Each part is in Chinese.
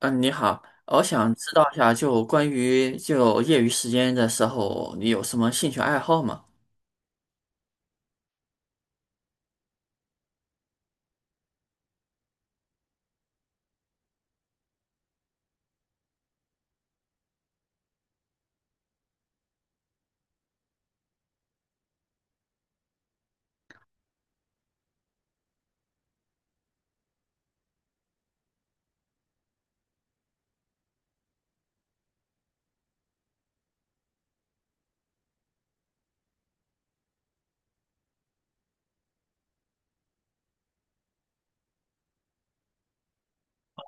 嗯，你好，我想知道一下，就关于就业余时间的时候，你有什么兴趣爱好吗？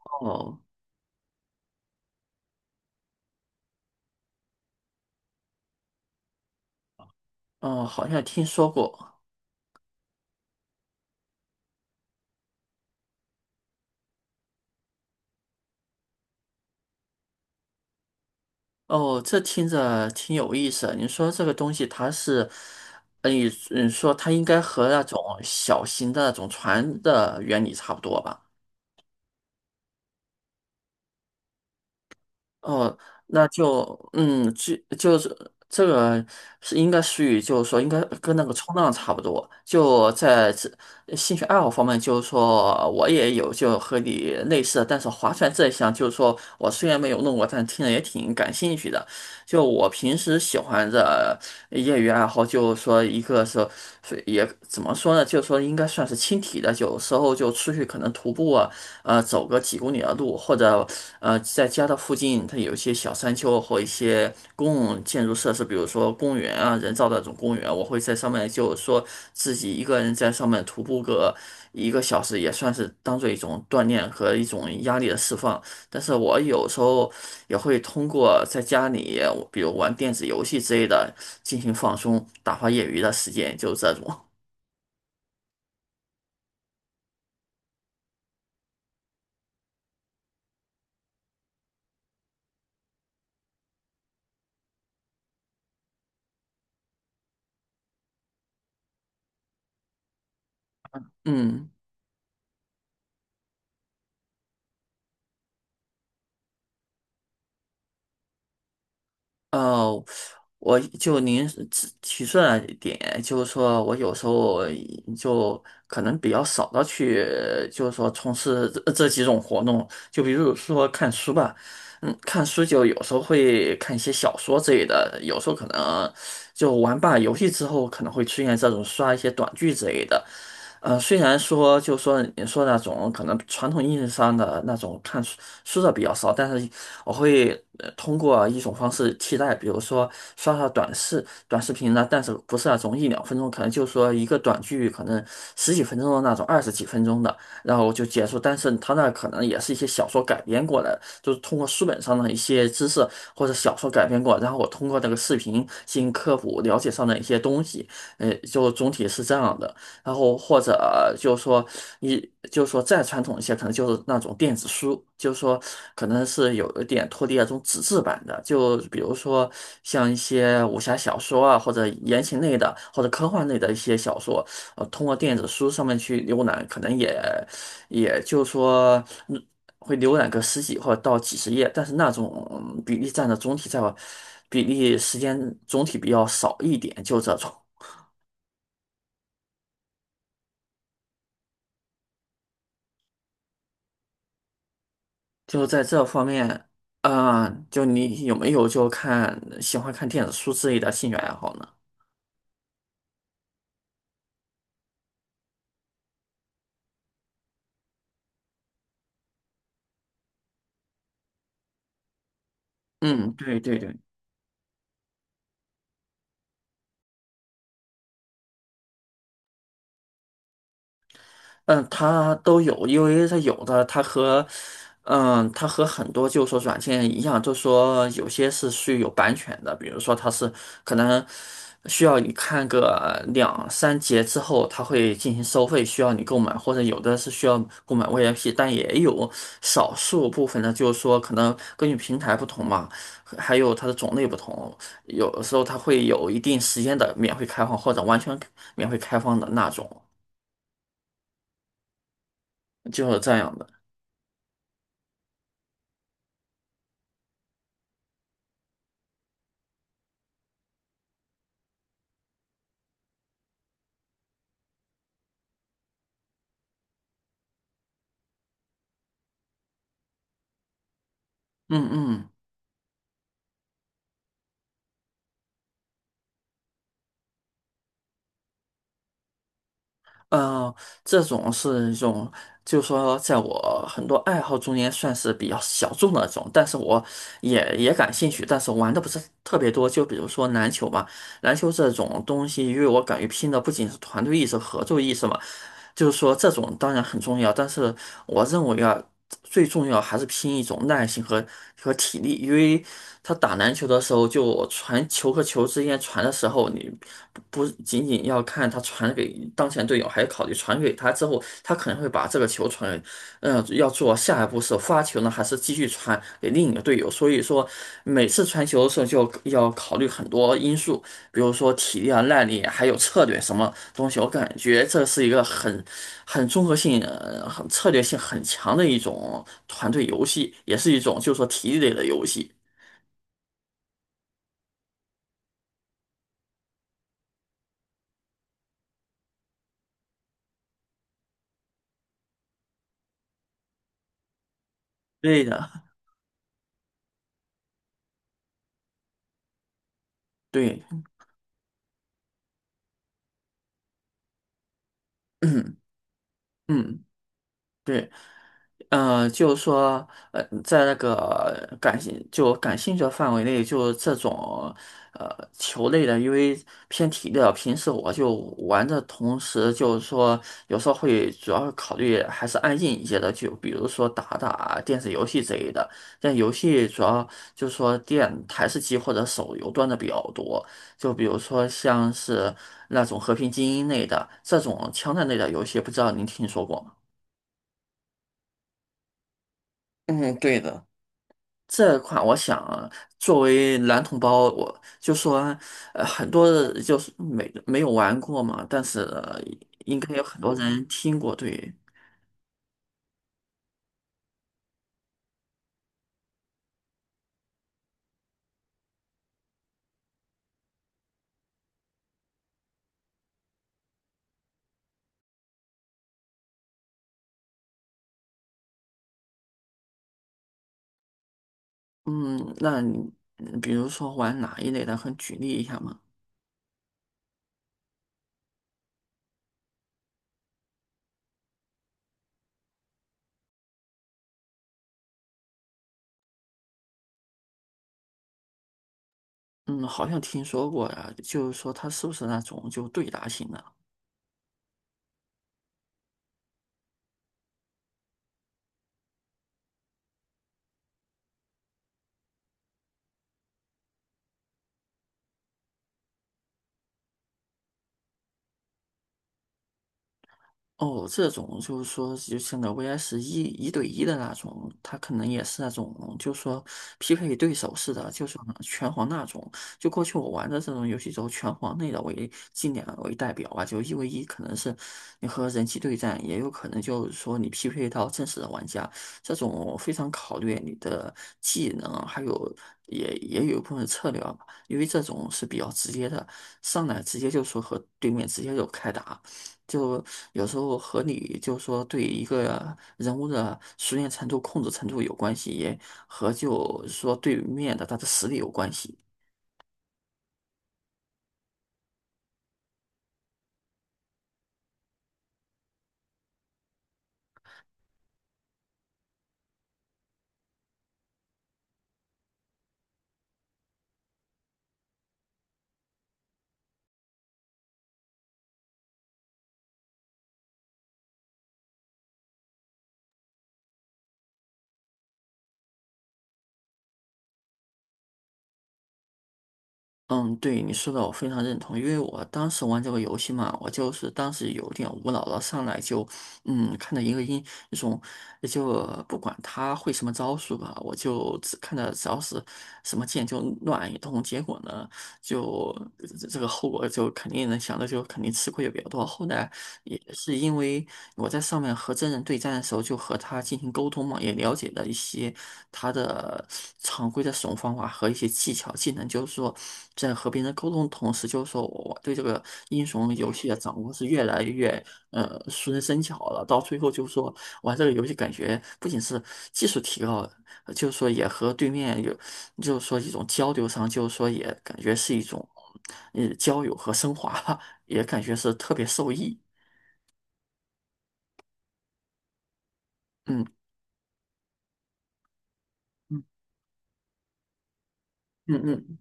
哦，哦，好像听说过。哦，这听着挺有意思的你说这个东西，它是，呃你你说它应该和那种小型的那种船的原理差不多吧？哦，那就就是这个是应该属于，就是说应该跟那个冲浪差不多。就在这兴趣爱好方面，就是说我也有就和你类似的但是划船这一项，就是说我虽然没有弄过，但听着也挺感兴趣的。就我平时喜欢的业余爱好，就是说一个是也怎么说呢，就是说应该算是轻体的，有时候就出去可能徒步啊。走个几公里的路，或者在家的附近，它有一些小山丘或一些公共建筑设施，比如说公园啊，人造的这种公园，我会在上面，就是说自己一个人在上面徒步个1个小时，也算是当做一种锻炼和一种压力的释放。但是我有时候也会通过在家里，比如玩电子游戏之类的，进行放松，打发业余的时间，就是这种，嗯。哦，我就您提出来一点，就是说我有时候就可能比较少的去，就是说从事这几种活动，就比如说看书吧，看书就有时候会看一些小说之类的，有时候可能就玩罢游戏之后可能会出现这种刷一些短剧之类的，虽然说就说你说那种可能传统意义上的那种看书的比较少，但是我会通过一种方式替代，比如说刷刷短视频呢，但是不是那种一两分钟，可能就说一个短剧，可能十几分钟的那种，二十几分钟的，然后就结束。但是它那可能也是一些小说改编过来的就是通过书本上的一些知识或者小说改编过来，然后我通过这个视频进行科普，了解上的一些东西，就总体是这样的。然后或者就是说你就是说再传统一些，可能就是那种电子书，就是说可能是有一点脱离那种纸质版的，就比如说像一些武侠小说啊，或者言情类的，或者科幻类的一些小说，通过电子书上面去浏览，可能也就是说。嗯会浏览个十几或者到几十页，但是那种比例占的总体在比例时间总体比较少一点，就这种。就在这方面，啊、就你有没有就看喜欢看电子书之类的兴趣爱好呢？嗯，对对对。嗯，它都有，因为它有的，它和，嗯，它和很多就是说软件一样，就是说有些是有版权的，比如说它是可能需要你看个两三节之后，它会进行收费，需要你购买，或者有的是需要购买 VIP，但也有少数部分呢，就是说可能根据平台不同嘛，还有它的种类不同，有的时候它会有一定时间的免费开放或者完全免费开放的那种，就是这样的。嗯嗯，呃，这种是一种，就是说，在我很多爱好中间算是比较小众的那种，但是我也感兴趣，但是玩的不是特别多。就比如说篮球吧，篮球这种东西，因为我感觉拼的不仅是团队意识、合作意识嘛，就是说这种当然很重要，但是我认为啊，最重要还是拼一种耐心和体力，因为他打篮球的时候，就传球和球之间传的时候，你不仅仅要看他传给当前队友，还要考虑传给他之后，他可能会把这个球传给要做下一步是发球呢，还是继续传给另一个队友？所以说，每次传球的时候就要考虑很多因素，比如说体力啊、耐力，还有策略什么东西。我感觉这是一个很综合性、很策略性很强的一种团队游戏，也是一种就是说体力类的游戏。对的，对，嗯嗯，对。嗯，就是说，在那个就感兴趣的范围内，就这种球类的，因为偏体力的，平时我就玩的同时，就是说有时候会主要考虑还是安静一些的，就比如说打打电子游戏之类的。但游戏主要就是说电台式机或者手游端的比较多，就比如说像是那种《和平精英》类的这种枪战类的游戏，不知道您听说过吗？嗯，对的。这款我想啊作为男同胞，我就说，很多人就是没有玩过嘛，但是应该有很多人听过，对，嗯，那你比如说玩哪一类的，很举例一下嘛，嗯，好像听说过呀，就是说它是不是那种就对答型的？哦，这种就是说，就像那 VS 一对一的那种，他可能也是那种，就是说匹配对手似的，就是说拳皇那种。就过去我玩的这种游戏中，拳皇类的为近两为代表吧，就1v1可能是你和人机对战，也有可能就是说你匹配到真实的玩家，这种非常考虑你的技能，还有也有一部分策略吧，因为这种是比较直接的，上来直接就说和对面直接就开打。就有时候和你就说对一个人物的熟练程度、控制程度有关系，也和就说对面的他的实力有关系。嗯，对你说的我非常认同，因为我当时玩这个游戏嘛，我就是当时有点无脑了，上来就看到一个那种，就不管他会什么招数吧，我就只看到只要是什么剑就乱一通，结果呢。就这个后果就肯定能想到，就肯定吃亏也比较多。后来也是因为我在上面和真人对战的时候，就和他进行沟通嘛，也了解了一些他的常规的使用方法和一些技巧技能，就是说在和别人沟通的同时，就是说我对这个英雄游戏的掌握是越来越熟能生巧了。到最后就是说玩这个游戏，感觉不仅是技术提高了，就是说也和对面有就是说一种交流上，就是说也感觉是一种，交友和升华吧，也感觉是特别受益。嗯嗯嗯嗯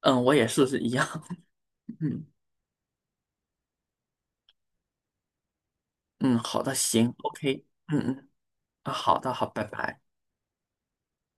嗯，我也是一样。嗯嗯，好的，行，OK，嗯嗯，啊，好的，好，拜拜。